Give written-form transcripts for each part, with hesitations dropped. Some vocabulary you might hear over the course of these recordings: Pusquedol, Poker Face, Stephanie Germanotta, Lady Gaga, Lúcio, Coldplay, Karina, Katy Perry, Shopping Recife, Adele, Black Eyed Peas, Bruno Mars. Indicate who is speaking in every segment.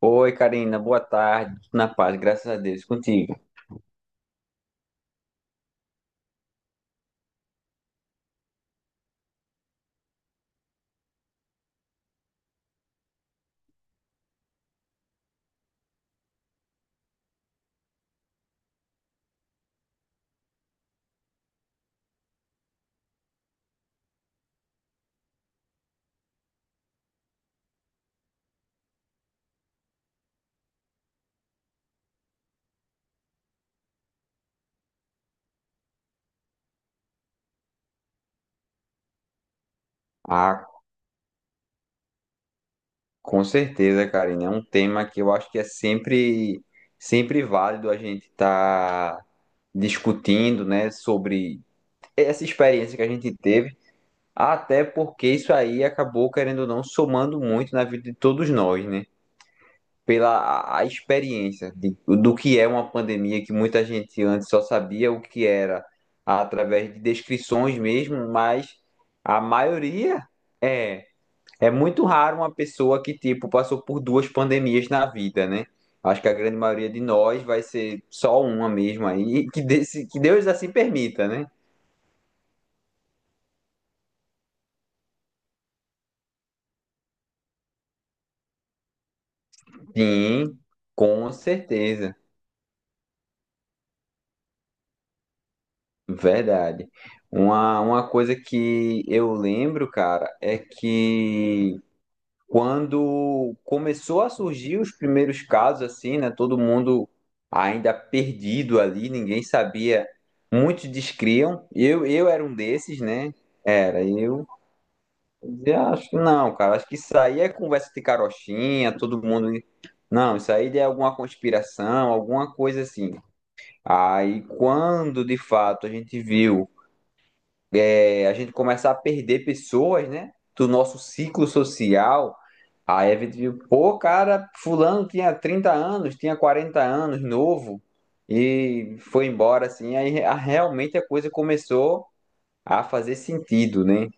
Speaker 1: Oi, Karina, boa tarde. Tudo na paz, graças a Deus, contigo. Ah, com certeza, Karina, é um tema que eu acho que é sempre válido a gente estar discutindo, né, sobre essa experiência que a gente teve, até porque isso aí acabou, querendo ou não, somando muito na vida de todos nós, né? Pela a experiência do que é uma pandemia que muita gente antes só sabia o que era através de descrições mesmo, mas a maioria é é muito raro uma pessoa que tipo passou por duas pandemias na vida, né? Acho que a grande maioria de nós vai ser só uma mesmo aí, que, desse, que Deus assim permita, né? Sim, com certeza, verdade. Uma coisa que eu lembro, cara, é que quando começou a surgir os primeiros casos, assim, né? Todo mundo ainda perdido ali, ninguém sabia. Muitos descriam. Eu era um desses, né? Era, eu dizia, acho que não, cara. Acho que isso aí é conversa de carochinha, todo mundo. Não, isso aí é alguma conspiração, alguma coisa assim. Aí, quando de fato a gente viu, a gente começar a perder pessoas, né? Do nosso ciclo social. Aí a gente viu, pô, cara, fulano tinha 30 anos, tinha 40 anos, novo, e foi embora, assim. Realmente a coisa começou a fazer sentido, né?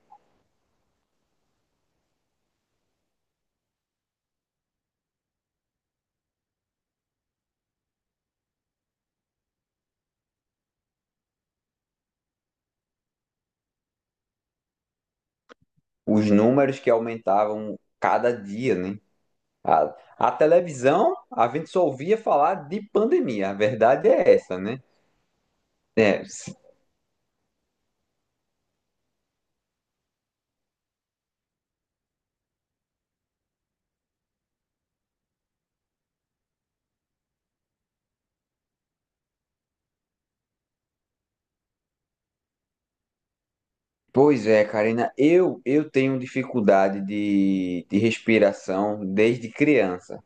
Speaker 1: Os números que aumentavam cada dia, né? A televisão, a gente só ouvia falar de pandemia, a verdade é essa, né? É, s- Pois é, Karina, eu tenho dificuldade de respiração desde criança.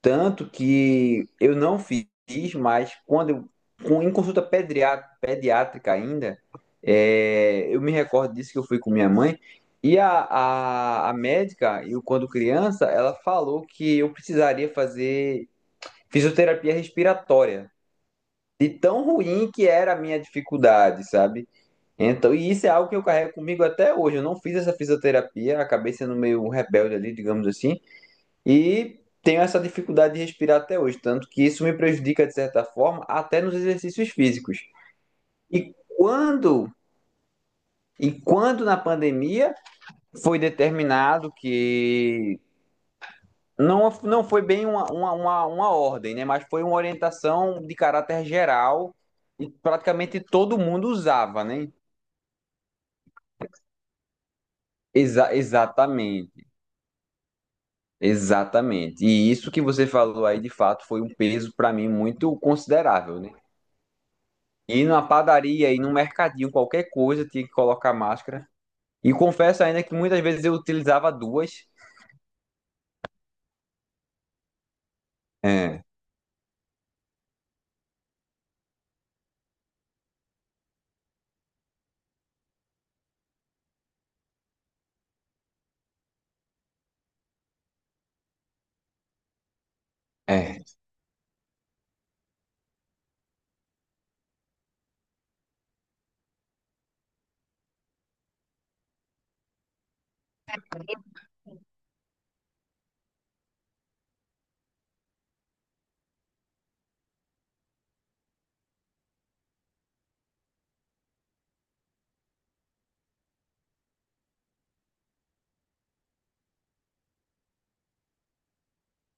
Speaker 1: Tanto que eu não fiz, mas quando eu, em consulta pediátrica ainda, eu me recordo disso que eu fui com minha mãe, e a médica, eu quando criança, ela falou que eu precisaria fazer fisioterapia respiratória, de tão ruim que era a minha dificuldade, sabe? Então, e isso é algo que eu carrego comigo até hoje. Eu não fiz essa fisioterapia, acabei sendo meio um rebelde ali, digamos assim. E tenho essa dificuldade de respirar até hoje, tanto que isso me prejudica de certa forma até nos exercícios físicos. E quando e quando na pandemia foi determinado que não, não foi bem uma ordem, né? Mas foi uma orientação de caráter geral e praticamente todo mundo usava, né? Exatamente, exatamente. E isso que você falou aí, de fato, foi um peso para mim muito considerável, né? E numa padaria, e num mercadinho, qualquer coisa, tinha que colocar máscara. E confesso ainda que muitas vezes eu utilizava duas. É, é,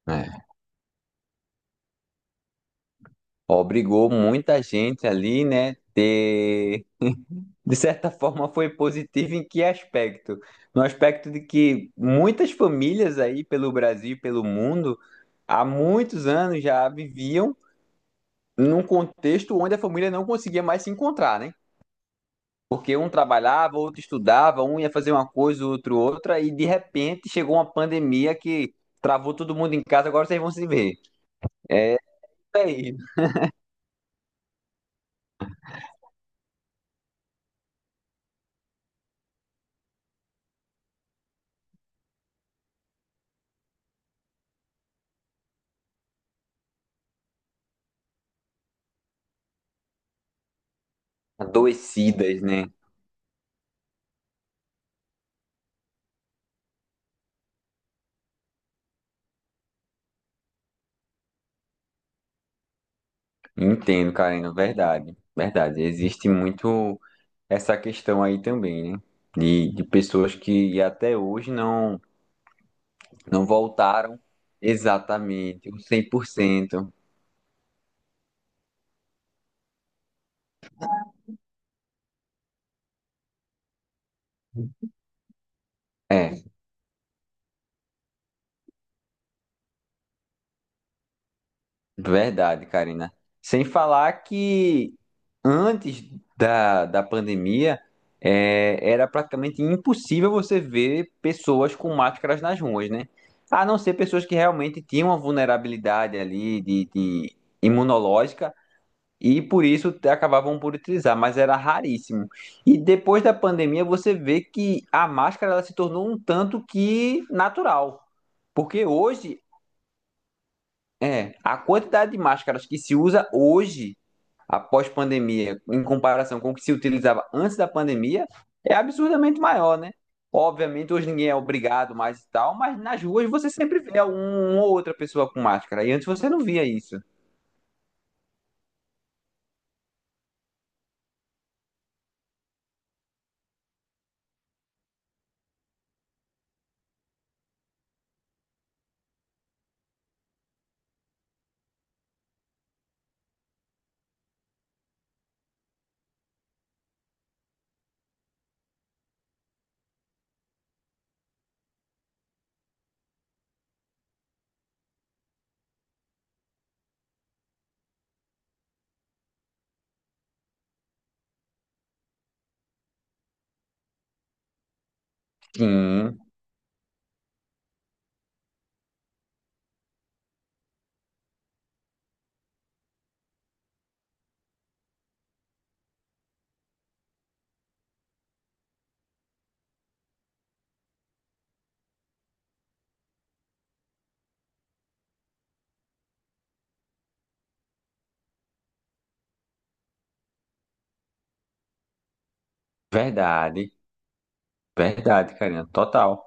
Speaker 1: é. Obrigou muita gente ali, né? Ter... De certa forma foi positivo em que aspecto? No aspecto de que muitas famílias aí pelo Brasil e pelo mundo há muitos anos já viviam num contexto onde a família não conseguia mais se encontrar, né? Porque um trabalhava, outro estudava, um ia fazer uma coisa, o outro outra, e de repente chegou uma pandemia que travou todo mundo em casa, agora vocês vão se ver. É isso aí. Adoecidas, né? Entendo, Karina, verdade. Verdade. Existe muito essa questão aí também, né? De pessoas que até hoje não, não voltaram exatamente, o 100%. É. Verdade, Karina. Sem falar que antes da pandemia, era praticamente impossível você ver pessoas com máscaras nas ruas, né? A não ser pessoas que realmente tinham uma vulnerabilidade ali de imunológica e por isso acabavam por utilizar, mas era raríssimo. E depois da pandemia, você vê que a máscara ela se tornou um tanto que natural. Porque hoje a quantidade de máscaras que se usa hoje, após pandemia, em comparação com o que se utilizava antes da pandemia, é absurdamente maior, né? Obviamente, hoje ninguém é obrigado mais e tal, mas nas ruas você sempre vê uma ou outra pessoa com máscara. E antes você não via isso. Sim, verdade. Verdade, Karina, total.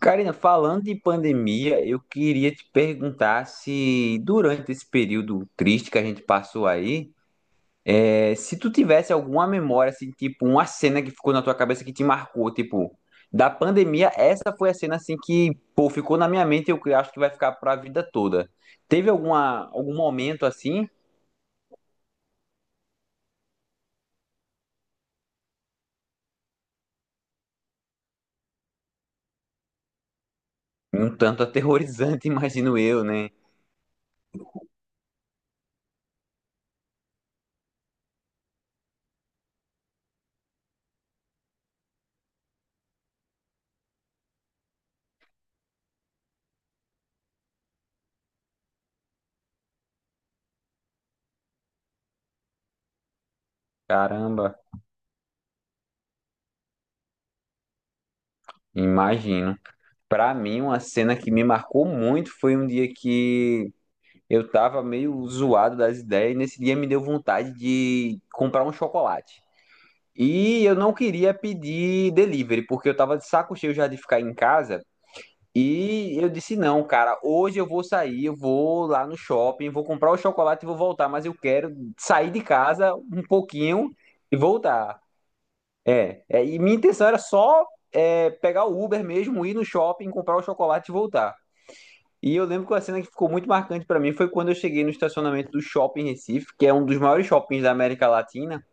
Speaker 1: Karina, falando de pandemia, eu queria te perguntar se durante esse período triste que a gente passou aí, se tu tivesse alguma memória, assim, tipo, uma cena que ficou na tua cabeça que te marcou, tipo, da pandemia, essa foi a cena, assim, que, pô, ficou na minha mente e eu acho que vai ficar pra vida toda. Teve alguma, algum momento, assim, um tanto aterrorizante, imagino eu, né? Caramba, imagino. Pra mim, uma cena que me marcou muito foi um dia que eu tava meio zoado das ideias e nesse dia me deu vontade de comprar um chocolate. E eu não queria pedir delivery, porque eu tava de saco cheio já de ficar em casa. E eu disse: não, cara, hoje eu vou sair, eu vou lá no shopping, vou comprar o chocolate e vou voltar, mas eu quero sair de casa um pouquinho e voltar. E minha intenção era só pegar o Uber mesmo, ir no shopping, comprar o chocolate e voltar. E eu lembro que a cena que ficou muito marcante pra mim foi quando eu cheguei no estacionamento do Shopping Recife, que é um dos maiores shoppings da América Latina.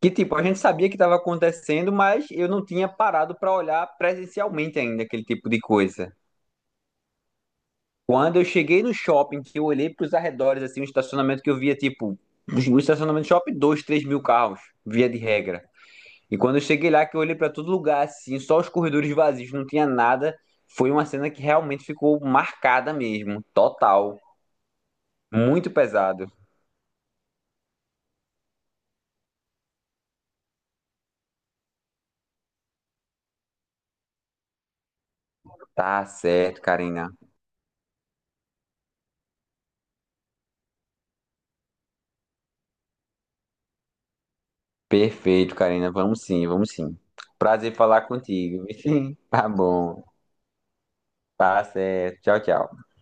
Speaker 1: Que tipo, a gente sabia que estava acontecendo, mas eu não tinha parado para olhar presencialmente ainda aquele tipo de coisa. Quando eu cheguei no shopping, que eu olhei para os arredores, assim, um estacionamento que eu via, tipo, um estacionamento de shopping, dois, 3 mil carros, via de regra. E quando eu cheguei lá, que eu olhei para todo lugar, assim, só os corredores vazios, não tinha nada, foi uma cena que realmente ficou marcada mesmo, total. Muito pesado. Tá certo, Karina. Perfeito, Karina. Vamos sim, vamos sim. Prazer falar contigo. Tá bom. Tá certo. Tchau, tchau.